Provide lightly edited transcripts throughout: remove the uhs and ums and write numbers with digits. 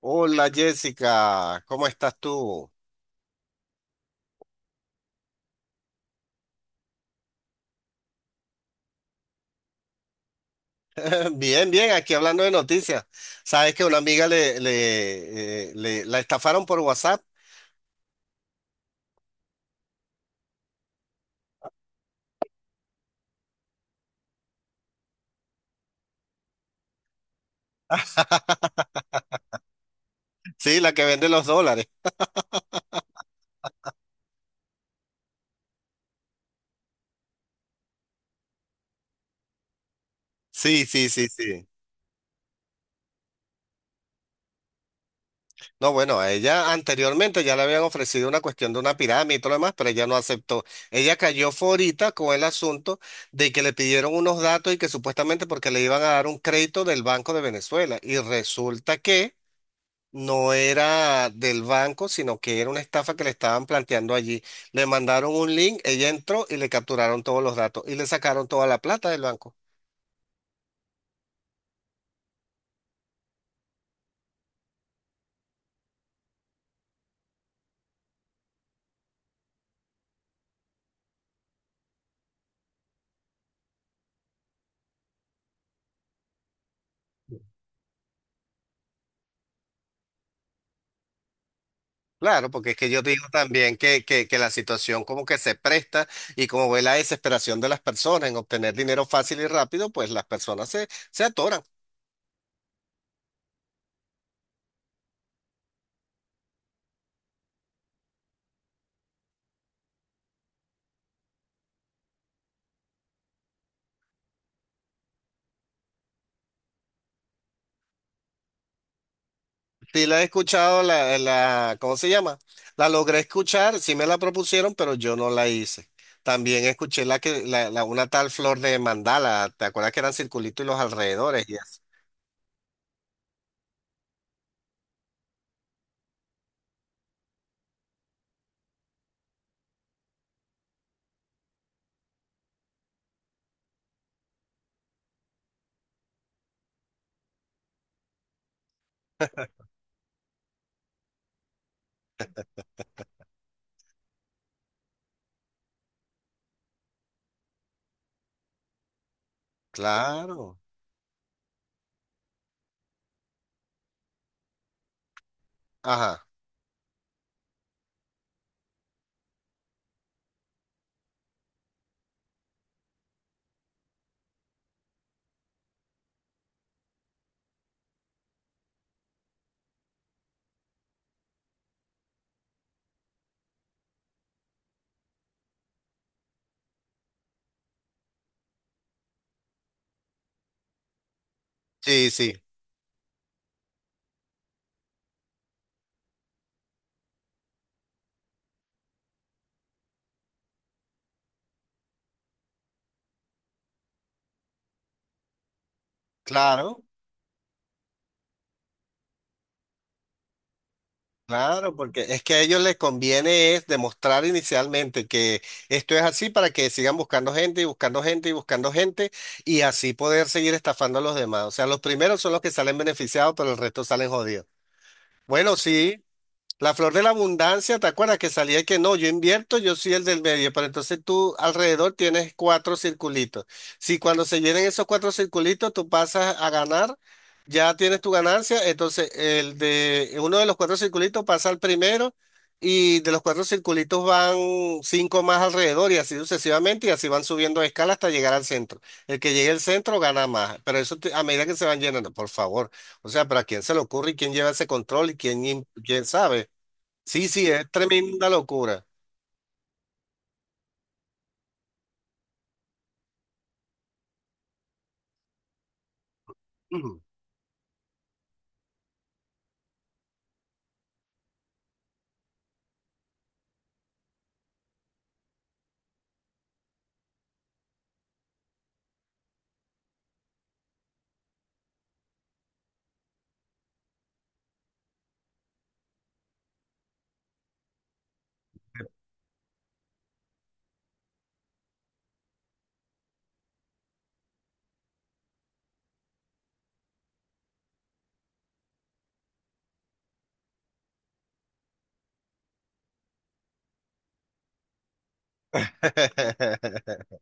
Hola Jessica, ¿cómo estás tú? Bien, bien, aquí hablando de noticias. Sabes que una amiga la estafaron por WhatsApp, sí, la que vende los dólares. Sí, sí, sí, sí. No, bueno, a ella anteriormente ya le habían ofrecido una cuestión de una pirámide y todo lo demás, pero ella no aceptó. Ella cayó forita con el asunto de que le pidieron unos datos y que supuestamente porque le iban a dar un crédito del Banco de Venezuela. Y resulta que no era del banco, sino que era una estafa que le estaban planteando allí. Le mandaron un link, ella entró y le capturaron todos los datos y le sacaron toda la plata del banco. Claro, porque es que yo digo también que la situación como que se presta y como ve la desesperación de las personas en obtener dinero fácil y rápido, pues las personas se atoran. Sí la he escuchado, la, ¿cómo se llama? La logré escuchar, sí me la propusieron, pero yo no la hice. También escuché la que, una tal flor de mandala, ¿te acuerdas que eran circulitos y los alrededores? Y así claro, ajá, sí, sí, claro, claro, porque es que a ellos les conviene es demostrar inicialmente que esto es así para que sigan buscando gente y buscando gente y buscando gente y así poder seguir estafando a los demás. O sea, los primeros son los que salen beneficiados, pero el resto salen jodidos. Bueno, sí. La flor de la abundancia, ¿te acuerdas que salía y que no? Yo invierto, yo soy el del medio, pero entonces tú alrededor tienes cuatro circulitos. Si cuando se llenen esos cuatro circulitos, tú pasas a ganar, ya tienes tu ganancia, entonces el de uno de los cuatro circulitos pasa al primero y de los cuatro circulitos van cinco más alrededor y así sucesivamente y así van subiendo de escala hasta llegar al centro. El que llegue al centro gana más, pero a medida que se van llenando, por favor. O sea, pero ¿a quién se le ocurre y quién lleva ese control y quién sabe? Sí, sí, es tremenda locura. Ujú.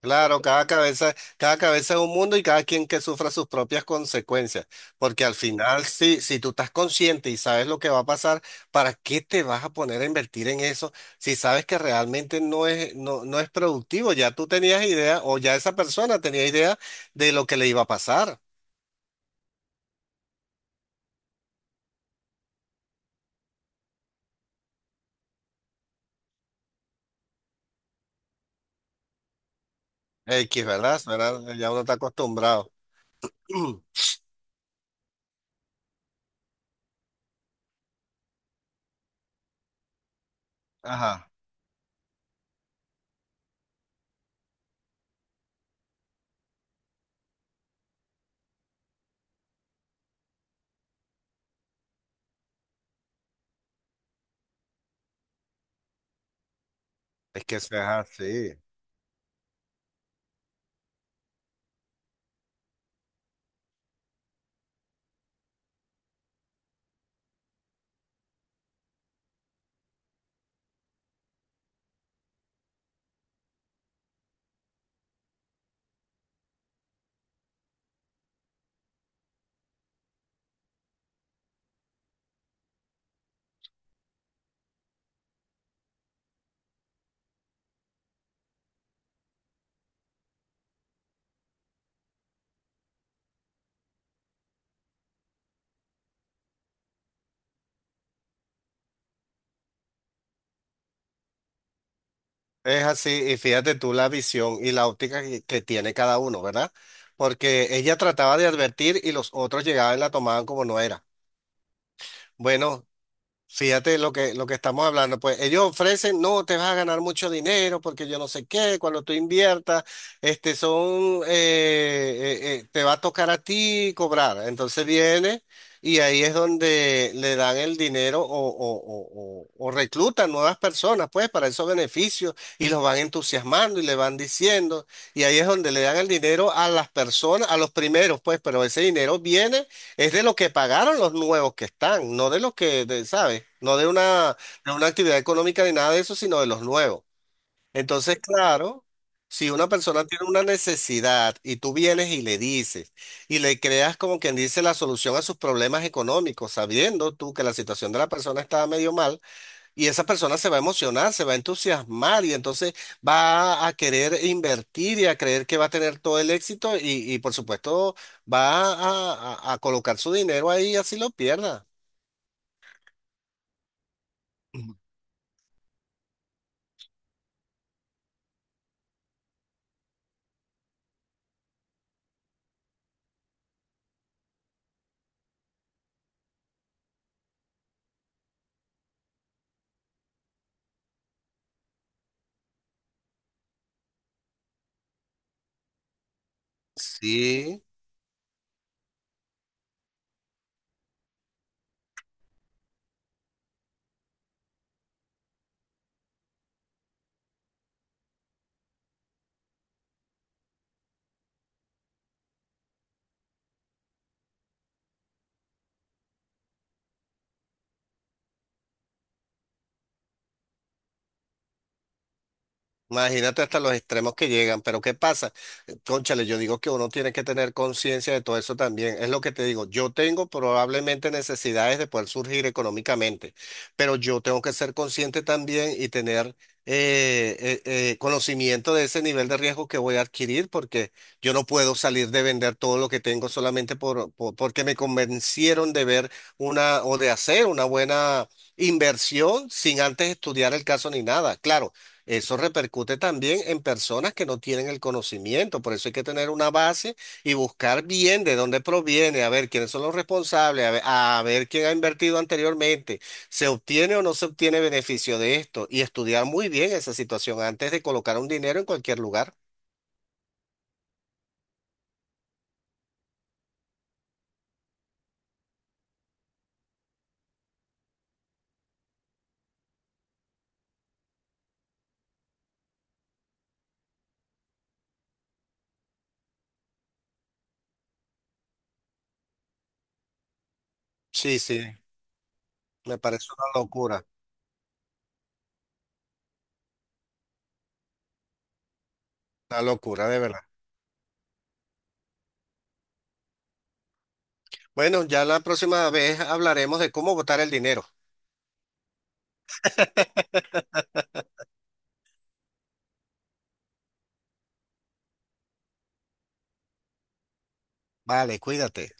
Claro, cada cabeza es un mundo y cada quien que sufra sus propias consecuencias. Porque al final, si tú estás consciente y sabes lo que va a pasar, ¿para qué te vas a poner a invertir en eso si sabes que realmente no es productivo? Ya tú tenías idea, o ya esa persona tenía idea de lo que le iba a pasar. X, ¿verdad? Eso ya uno está acostumbrado. Ajá. Es que eso es así. Es así, y fíjate tú la visión y la óptica que tiene cada uno, ¿verdad? Porque ella trataba de advertir y los otros llegaban y la tomaban como no era. Bueno, fíjate lo que estamos hablando, pues ellos ofrecen, no, te vas a ganar mucho dinero porque yo no sé qué, cuando tú inviertas, este son, te va a tocar a ti cobrar. Entonces viene y ahí es donde le dan el dinero o reclutan nuevas personas, pues, para esos beneficios y los van entusiasmando y le van diciendo. Y ahí es donde le dan el dinero a las personas, a los primeros, pues, pero ese dinero viene. Es de lo que pagaron los nuevos que están, no de los ¿sabes? No de una, de una actividad económica ni nada de eso, sino de los nuevos. Entonces, claro, si una persona tiene una necesidad y tú vienes y le dices y le creas como quien dice la solución a sus problemas económicos, sabiendo tú que la situación de la persona está medio mal, y esa persona se va a emocionar, se va a entusiasmar y entonces va a querer invertir y a creer que va a tener todo el éxito y por supuesto va a colocar su dinero ahí así lo pierda. Ujú. Sí. Imagínate hasta los extremos que llegan, pero ¿qué pasa? Cónchale, yo digo que uno tiene que tener conciencia de todo eso también. Es lo que te digo, yo tengo probablemente necesidades de poder surgir económicamente, pero yo tengo que ser consciente también y tener conocimiento de ese nivel de riesgo que voy a adquirir, porque yo no puedo salir de vender todo lo que tengo solamente porque me convencieron de ver una o de hacer una buena inversión sin antes estudiar el caso ni nada. Claro. Eso repercute también en personas que no tienen el conocimiento, por eso hay que tener una base y buscar bien de dónde proviene, a ver quiénes son los responsables, a ver quién ha invertido anteriormente, se obtiene o no se obtiene beneficio de esto y estudiar muy bien esa situación antes de colocar un dinero en cualquier lugar. Sí, sí, me parece una locura de verdad. Bueno, ya la próxima vez hablaremos de cómo botar el dinero. Vale, cuídate.